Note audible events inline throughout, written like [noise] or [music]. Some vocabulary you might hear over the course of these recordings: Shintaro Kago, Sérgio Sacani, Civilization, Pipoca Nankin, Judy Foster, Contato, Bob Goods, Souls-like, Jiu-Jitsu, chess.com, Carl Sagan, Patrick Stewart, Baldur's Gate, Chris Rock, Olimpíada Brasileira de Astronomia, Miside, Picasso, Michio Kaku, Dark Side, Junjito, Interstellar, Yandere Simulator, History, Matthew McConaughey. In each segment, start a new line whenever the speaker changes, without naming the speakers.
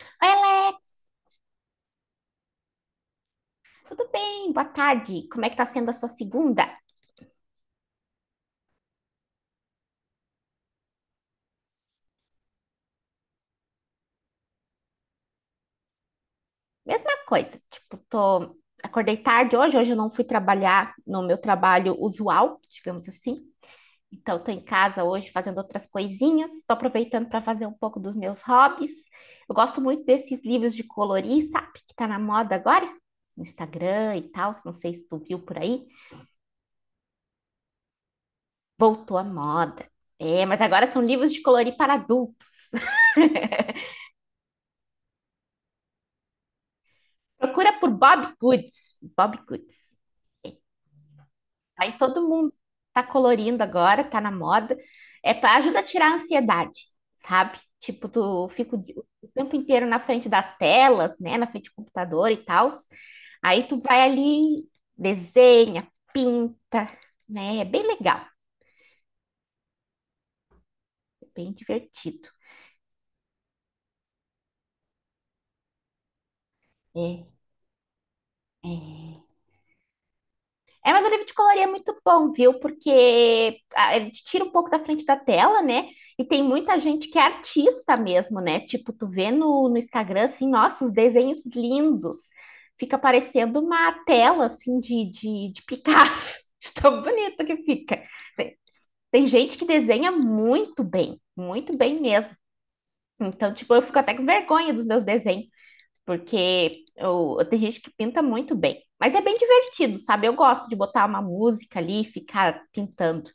Oi, Alex, tudo bem? Boa tarde. Como é que tá sendo a sua segunda? Mesma coisa, tipo, tô... Acordei tarde hoje, hoje eu não fui trabalhar no meu trabalho usual, digamos assim. Então, tô em casa hoje fazendo outras coisinhas, tô aproveitando para fazer um pouco dos meus hobbies. Eu gosto muito desses livros de colorir, sabe? Que tá na moda agora, no Instagram e tal, não sei se tu viu por aí. Voltou à moda. É, mas agora são livros de colorir para adultos. [laughs] Procura por Bob Goods. Bob Goods. Aí todo mundo tá colorindo agora, tá na moda. É para ajuda a tirar a ansiedade, sabe? Tipo, tu fica o tempo inteiro na frente das telas, né? Na frente do computador e tal. Aí tu vai ali, desenha, pinta, né? É bem legal, é bem divertido. É, é. É, mas o livro de colorir é muito bom, viu? Porque ele te tira um pouco da frente da tela, né? E tem muita gente que é artista mesmo, né? Tipo, tu vê no Instagram, assim, nossa, os desenhos lindos. Fica parecendo uma tela, assim, de Picasso. [laughs] De tão bonito que fica. Tem, tem gente que desenha muito bem mesmo. Então, tipo, eu fico até com vergonha dos meus desenhos. Porque eu, tem gente que pinta muito bem. Mas é bem divertido, sabe? Eu gosto de botar uma música ali e ficar pintando.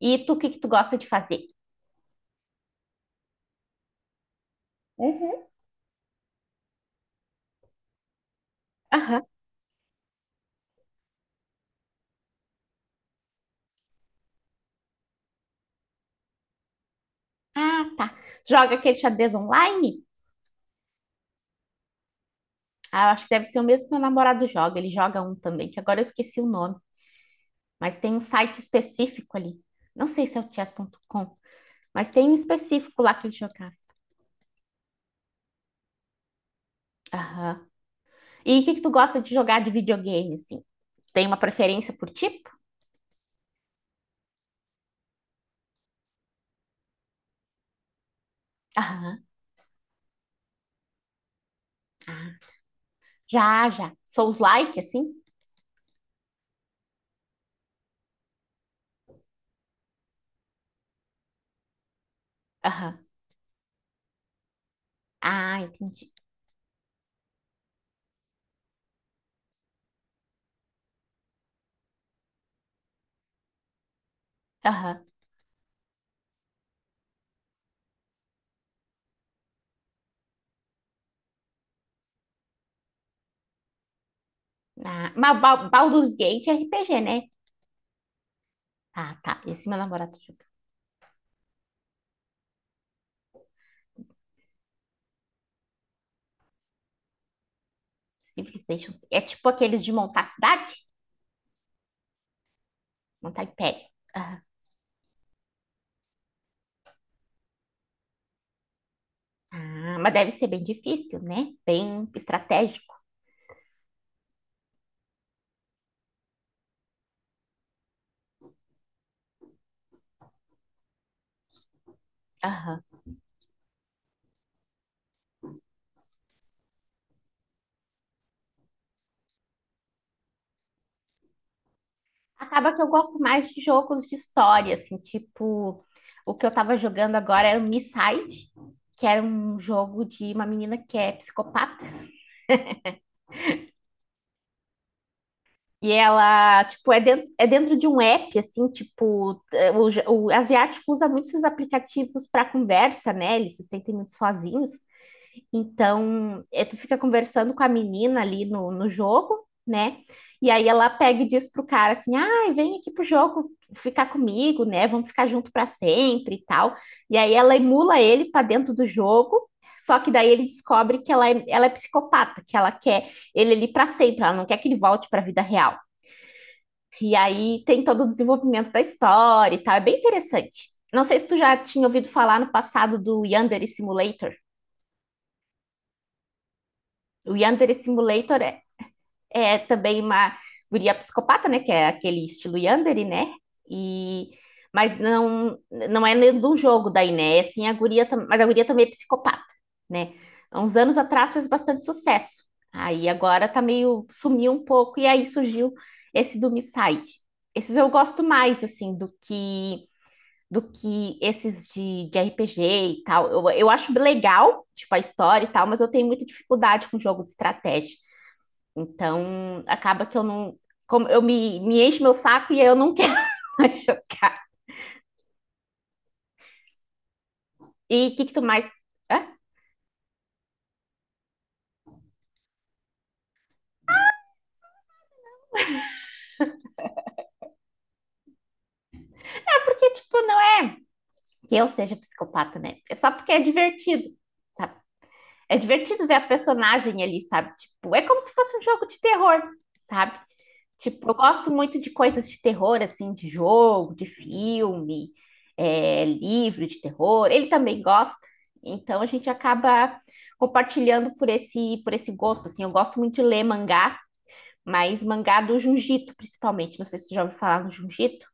E tu, o que que tu gosta de fazer? Uhum. Aham. Ah, tá. Joga aquele xadrez online? Ah, eu acho que deve ser o mesmo que meu namorado joga. Ele joga um também, que agora eu esqueci o nome. Mas tem um site específico ali. Não sei se é o chess.com, mas tem um específico lá que ele jogava. Aham. E o que que tu gosta de jogar de videogame, assim? Tem uma preferência por tipo? Aham. Já, já. Souls-like, assim? Aham. Ah, entendi. Aham. Ah, mas Baldur's Gate é RPG, né? Ah, tá. Esse meu namorado joga. Civilization. É tipo aqueles de montar cidade? Montar império. Aham. Ah, mas deve ser bem difícil, né? Bem estratégico. Aham. Acaba que eu gosto mais de jogos de história, assim, tipo... O que eu tava jogando agora era o Miside, que era um jogo de uma menina que é psicopata. E ela, tipo, é dentro de um app, assim, tipo, o asiático usa muito esses aplicativos para conversa, né? Eles se sentem muito sozinhos. Então, é, tu fica conversando com a menina ali no jogo, né? E aí ela pega e diz pro cara assim: ai, vem aqui pro jogo ficar comigo, né? Vamos ficar junto para sempre e tal. E aí ela emula ele para dentro do jogo. Só que daí ele descobre que ela é psicopata, que ela quer ele ali para sempre, ela não quer que ele volte para a vida real. E aí tem todo o desenvolvimento da história e tal. É bem interessante. Não sei se tu já tinha ouvido falar no passado do Yandere Simulator. O Yandere Simulator é, é também uma guria psicopata, né? Que é aquele estilo Yandere, né? E... Mas não, não é nem do jogo daí, né? É assim, mas a guria também é psicopata, né? Há uns anos atrás fez bastante sucesso. Aí agora tá meio, sumiu um pouco, e aí surgiu esse do Misside. Esses eu gosto mais, assim, do que esses de RPG e tal. Eu acho legal, tipo, a história e tal, mas eu tenho muita dificuldade com jogo de estratégia. Então, acaba que eu não. Como eu me encho meu saco e eu não [laughs] quero mais jogar. E o que, que tu mais. Ah, porque, tipo, não é que eu seja psicopata, né? É só porque é divertido. É divertido ver a personagem ali, sabe? Tipo, é como se fosse um jogo de terror, sabe? Tipo, eu gosto muito de coisas de terror, assim, de jogo, de filme, é, livro de terror. Ele também gosta. Então a gente acaba compartilhando por esse gosto, assim. Eu gosto muito de ler mangá, mas mangá do Jiu-Jitsu, principalmente. Não sei se você já ouviu falar no Jiu-Jitsu.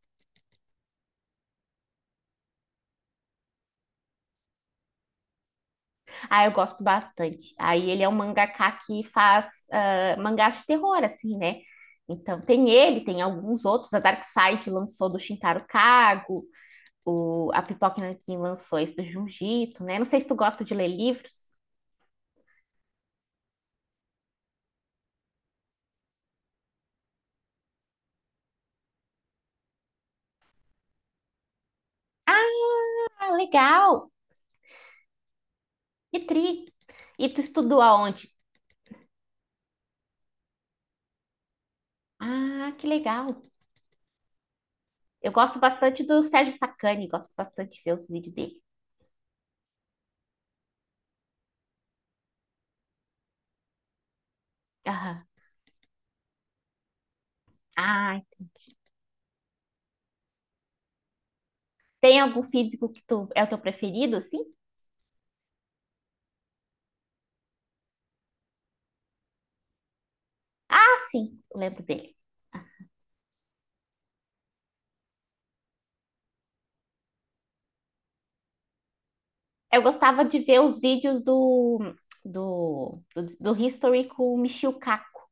Ah, eu gosto bastante. Aí ele é um mangaka que faz mangás de terror, assim, né? Então tem ele, tem alguns outros. A Dark Side lançou do Shintaro Kago, o, a Pipoca Nankin lançou esse do Junjito, né? Não sei se tu gosta de ler livros. Ah, legal! Que tri! E tu estudou aonde? Ah, que legal! Eu gosto bastante do Sérgio Sacani, gosto bastante de ver os vídeos dele. Aham. Ah, tem algum físico que tu é o teu preferido, assim? Ah, sim, eu lembro dele. Eu gostava de ver os vídeos do History com o Michio Kaku.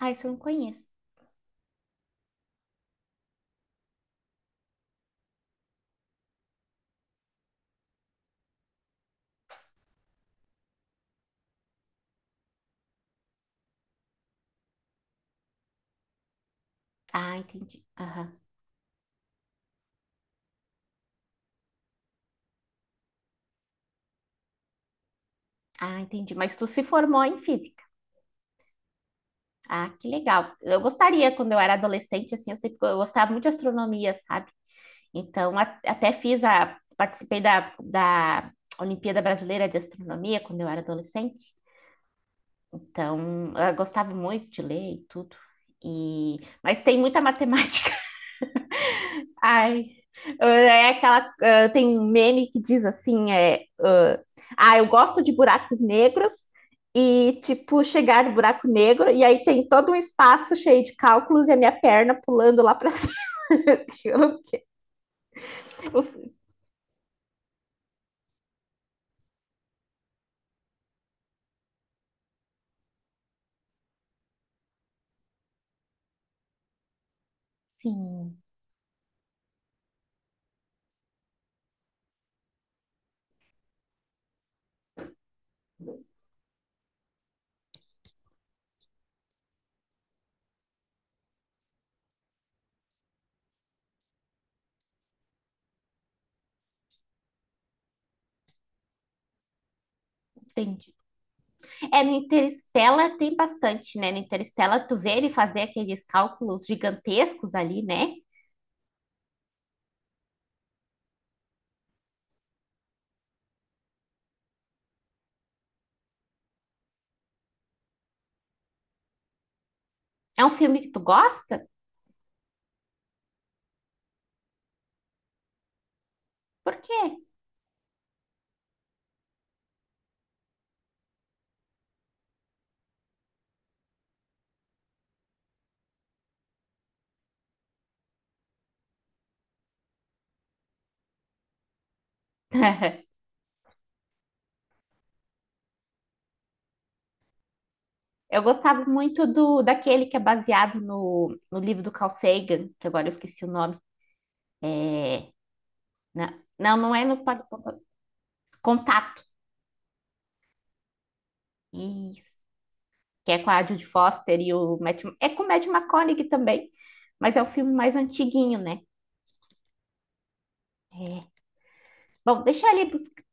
Ah, isso eu não conheço. Ah, entendi. Aham. Ah, entendi. Mas tu se formou em física. Ah, que legal. Eu gostaria, quando eu era adolescente, assim, eu gostava muito de astronomia, sabe? Então, até fiz a... Participei da Olimpíada Brasileira de Astronomia quando eu era adolescente. Então, eu gostava muito de ler e tudo. E, mas tem muita [laughs] matemática. Ai, é aquela. Ah, tem um meme que diz assim: é, eu gosto de buracos negros e, tipo, chegar no buraco negro, e aí tem todo um espaço cheio de cálculos e a minha perna pulando lá pra [laughs] cima. Eu- eu- Sim. Entendi. É, no Interstellar tem bastante, né? No Interstellar tu vê ele fazer aqueles cálculos gigantescos ali, né? É um filme que tu gosta? Por quê? [laughs] Eu gostava muito do daquele que é baseado no livro do Carl Sagan, que agora eu esqueci o nome. Né? Não, não é no Pod- Contato. Isso. Que é com a Judy Foster e o Matt... É com o Matthew McConaughey também, mas é o filme mais antiguinho, né? É. Bom, deixa ele buscar.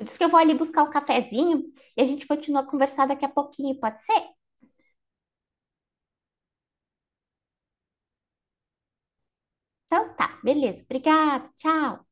Diz que eu vou ali buscar um cafezinho e a gente continua a conversar daqui a pouquinho, pode ser? Então tá, beleza. Obrigada, tchau.